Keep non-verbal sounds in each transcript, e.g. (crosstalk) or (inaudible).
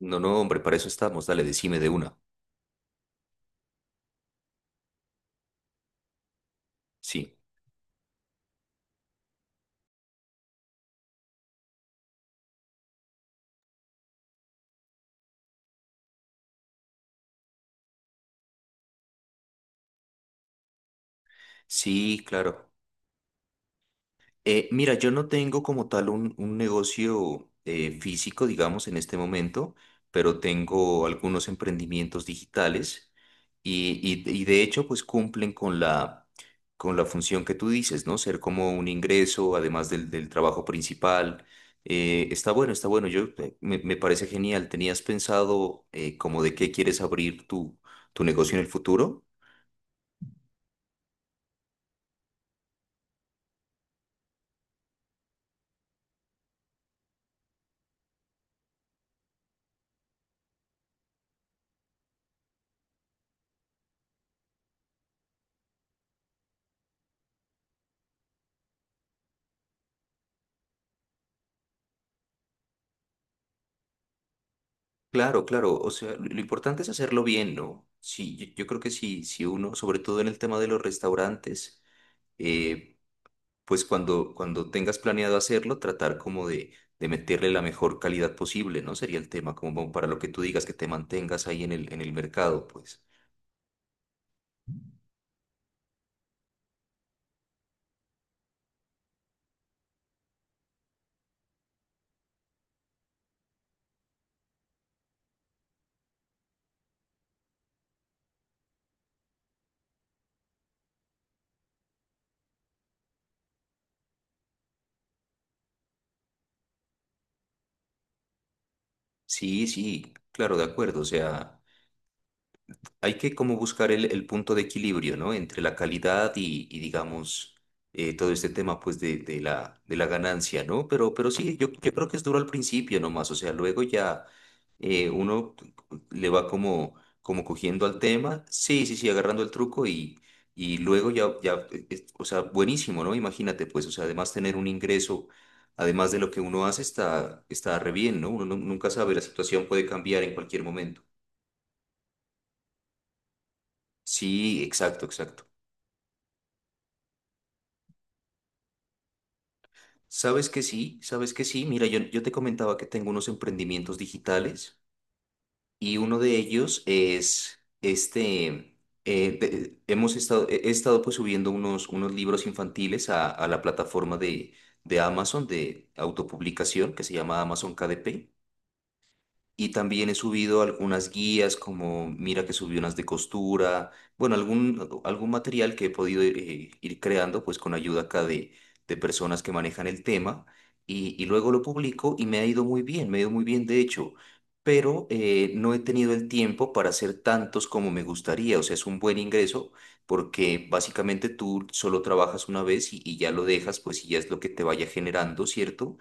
No, no, hombre, para eso estamos. Dale, decime de una. Sí, sí, claro. Mira, yo no tengo como tal un negocio físico, digamos, en este momento, pero tengo algunos emprendimientos digitales y de hecho, pues cumplen con la función que tú dices, ¿no? Ser como un ingreso, además del trabajo principal. Está bueno, está bueno. Me parece genial. ¿Tenías pensado como de qué quieres abrir tu negocio en el futuro? Claro, claro. O sea, lo importante es hacerlo bien, ¿no? Sí, yo creo que sí, si uno, sobre todo en el tema de los restaurantes, eh, pues cuando tengas planeado hacerlo, tratar como de meterle la mejor calidad posible, ¿no? Sería el tema, como para lo que tú digas, que te mantengas ahí en el mercado, pues. Sí, sí, claro, de acuerdo. O sea, hay que como buscar el punto de equilibrio, ¿no? Entre la calidad y digamos, todo este tema, pues, de la ganancia, ¿no? Pero sí, yo creo que es duro al principio nomás, o sea, luego ya uno le va como, como cogiendo al tema, sí, sí, sí, agarrando el truco y luego ya, ya, o sea, buenísimo, ¿no? Imagínate, pues, o sea, además tener un ingreso, además de lo que uno hace, está, está re bien, ¿no? Nunca sabe, la situación puede cambiar en cualquier momento. Sí, exacto, exacto. Sabes que sí, sabes que sí. Mira, yo te comentaba que tengo unos emprendimientos digitales y uno de ellos es este, hemos estado, he estado pues subiendo unos libros infantiles a la plataforma de Amazon de autopublicación que se llama Amazon KDP. Y también he subido algunas guías, como mira que subí unas de costura, bueno, algún material que he podido ir creando, pues con ayuda acá de personas que manejan el tema, y luego lo publico y me ha ido muy bien, me ha ido muy bien de hecho, pero no he tenido el tiempo para hacer tantos como me gustaría, o sea, es un buen ingreso porque básicamente tú solo trabajas una vez y ya lo dejas, pues y ya es lo que te vaya generando, ¿cierto?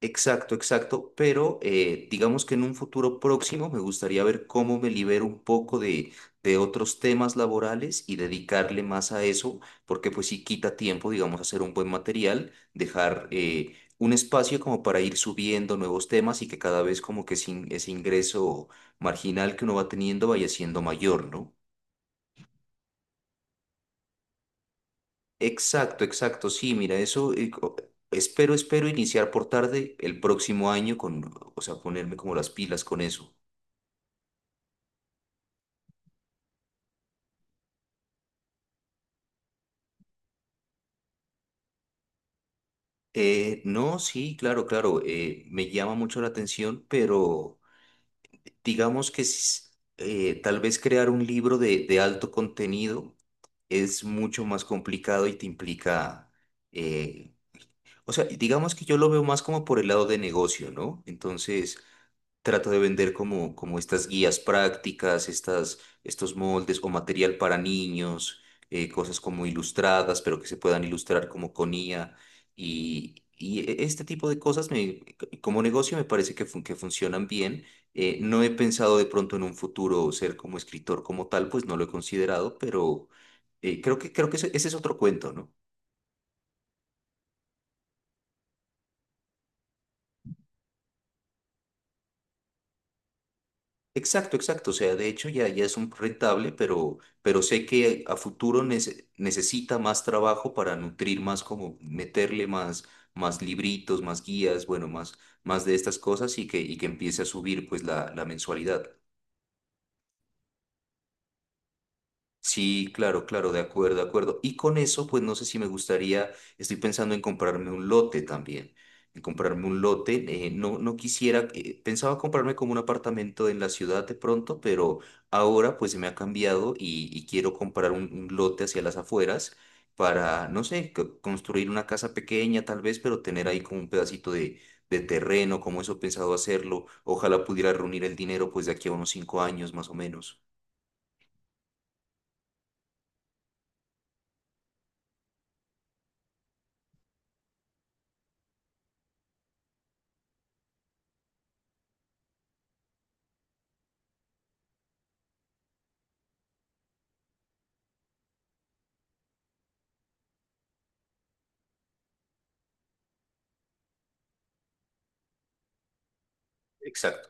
Exacto, exacto, pero digamos que en un futuro próximo me gustaría ver cómo me libero un poco de otros temas laborales y dedicarle más a eso, porque pues sí quita tiempo, digamos, hacer un buen material, dejar un espacio como para ir subiendo nuevos temas y que cada vez como que ese ingreso marginal que uno va teniendo vaya siendo mayor, ¿no? Exacto, exacto, sí, mira, eso espero, espero iniciar por tarde el próximo año con, o sea, ponerme como las pilas con eso. No, sí, claro, claro, me llama mucho la atención, pero digamos que tal vez crear un libro de alto contenido es mucho más complicado y te implica, eh, o sea, digamos que yo lo veo más como por el lado de negocio, ¿no? Entonces trato de vender como, como estas guías prácticas, estas, estos moldes o material para niños, cosas como ilustradas, pero que se puedan ilustrar como con IA. Este tipo de cosas me, como negocio me parece que funcionan bien. No he pensado de pronto en un futuro ser como escritor como tal, pues no lo he considerado, pero creo que ese es otro cuento, ¿no? Exacto, exacto. O sea, de hecho ya, ya es un rentable, pero sé que a futuro necesita más trabajo para nutrir más, como meterle más, más libritos, más guías, bueno, más, más de estas cosas y que empiece a subir pues la mensualidad. Sí, claro, claro, de acuerdo, de acuerdo. Y con eso, pues no sé si me gustaría, estoy pensando en comprarme un lote también, en comprarme un lote. No quisiera, pensaba comprarme como un apartamento en la ciudad de pronto, pero ahora pues se me ha cambiado y quiero comprar un lote hacia las afueras para, no sé, construir una casa pequeña tal vez, pero tener ahí como un pedacito de terreno, como eso he pensado hacerlo. Ojalá pudiera reunir el dinero pues de aquí a unos cinco años más o menos. Exacto.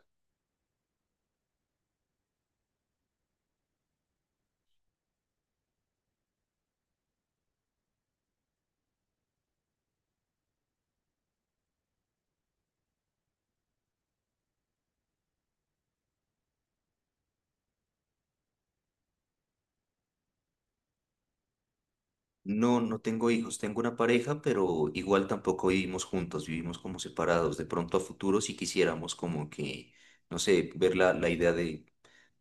No, no tengo hijos, tengo una pareja, pero igual tampoco vivimos juntos, vivimos como separados. De pronto a futuro si quisiéramos como que, no sé, ver la idea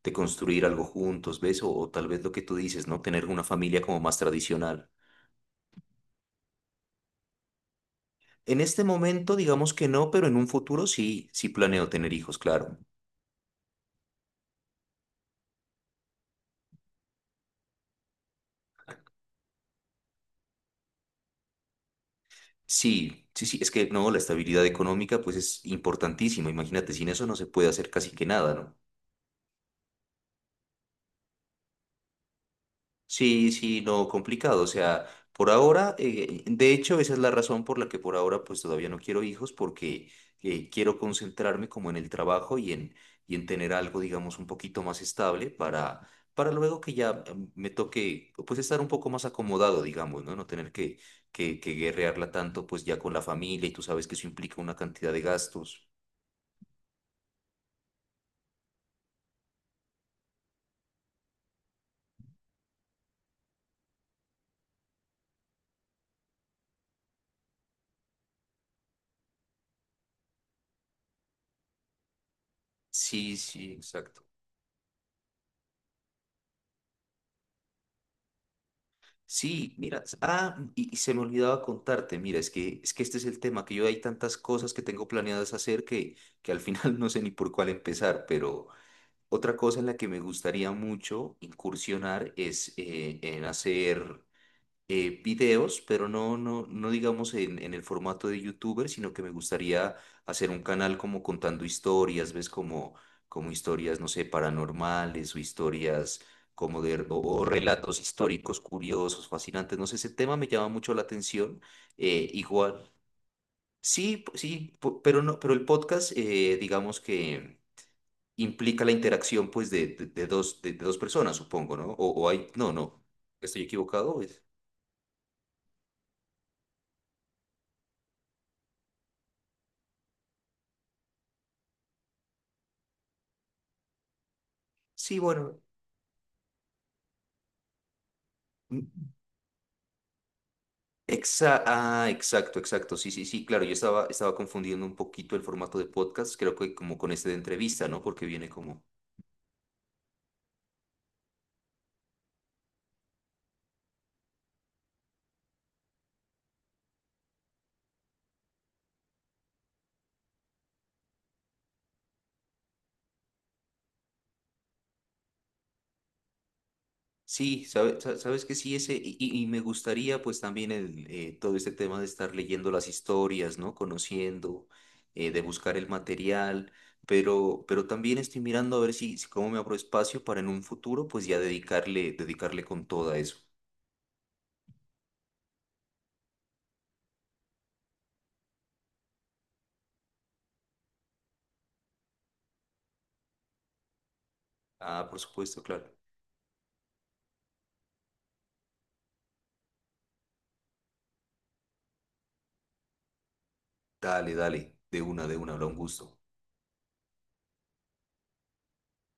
de construir algo juntos, ¿ves? O tal vez lo que tú dices, ¿no? Tener una familia como más tradicional. En este momento digamos que no, pero en un futuro sí, sí planeo tener hijos, claro. Sí, sí, sí, es que no, la estabilidad económica pues es importantísima, imagínate, sin eso no se puede hacer casi que nada, ¿no? Sí, sí, no, complicado. O sea, por ahora, de hecho, esa es la razón por la que por ahora pues todavía no quiero hijos, porque quiero concentrarme como en el trabajo y en tener algo, digamos, un poquito más estable para luego que ya me toque, pues estar un poco más acomodado, digamos, ¿no? No tener que guerrearla tanto, pues ya con la familia y tú sabes que eso implica una cantidad de gastos. Sí, sí, exacto. Sí, mira, se me olvidaba contarte, mira, es que este es el tema, que yo hay tantas cosas que tengo planeadas hacer que al final (laughs) no sé ni por cuál empezar, pero otra cosa en la que me gustaría mucho incursionar es en hacer videos, pero no digamos en el formato de youtuber, sino que me gustaría hacer un canal como contando historias, ¿ves? Como, como historias, no sé, paranormales o historias como o relatos históricos curiosos, fascinantes, no sé, ese tema me llama mucho la atención, igual. Sí, pero no, pero el podcast, digamos que implica la interacción, pues, de dos, de dos personas, supongo, ¿no? O hay, no, no, estoy equivocado. Sí, bueno. Exacto, exacto. Sí, sí, sí, claro. Yo estaba, estaba confundiendo un poquito el formato de podcast, creo que como con este de entrevista, ¿no? Porque viene como... Sí, sabes que sí, ese, y me gustaría pues también el, todo este tema de estar leyendo las historias, ¿no? Conociendo, de buscar el material, pero también estoy mirando a ver si cómo me abro espacio para en un futuro pues ya dedicarle, dedicarle con todo a eso. Ah, por supuesto, claro. Dale, dale, de una, habrá un gusto.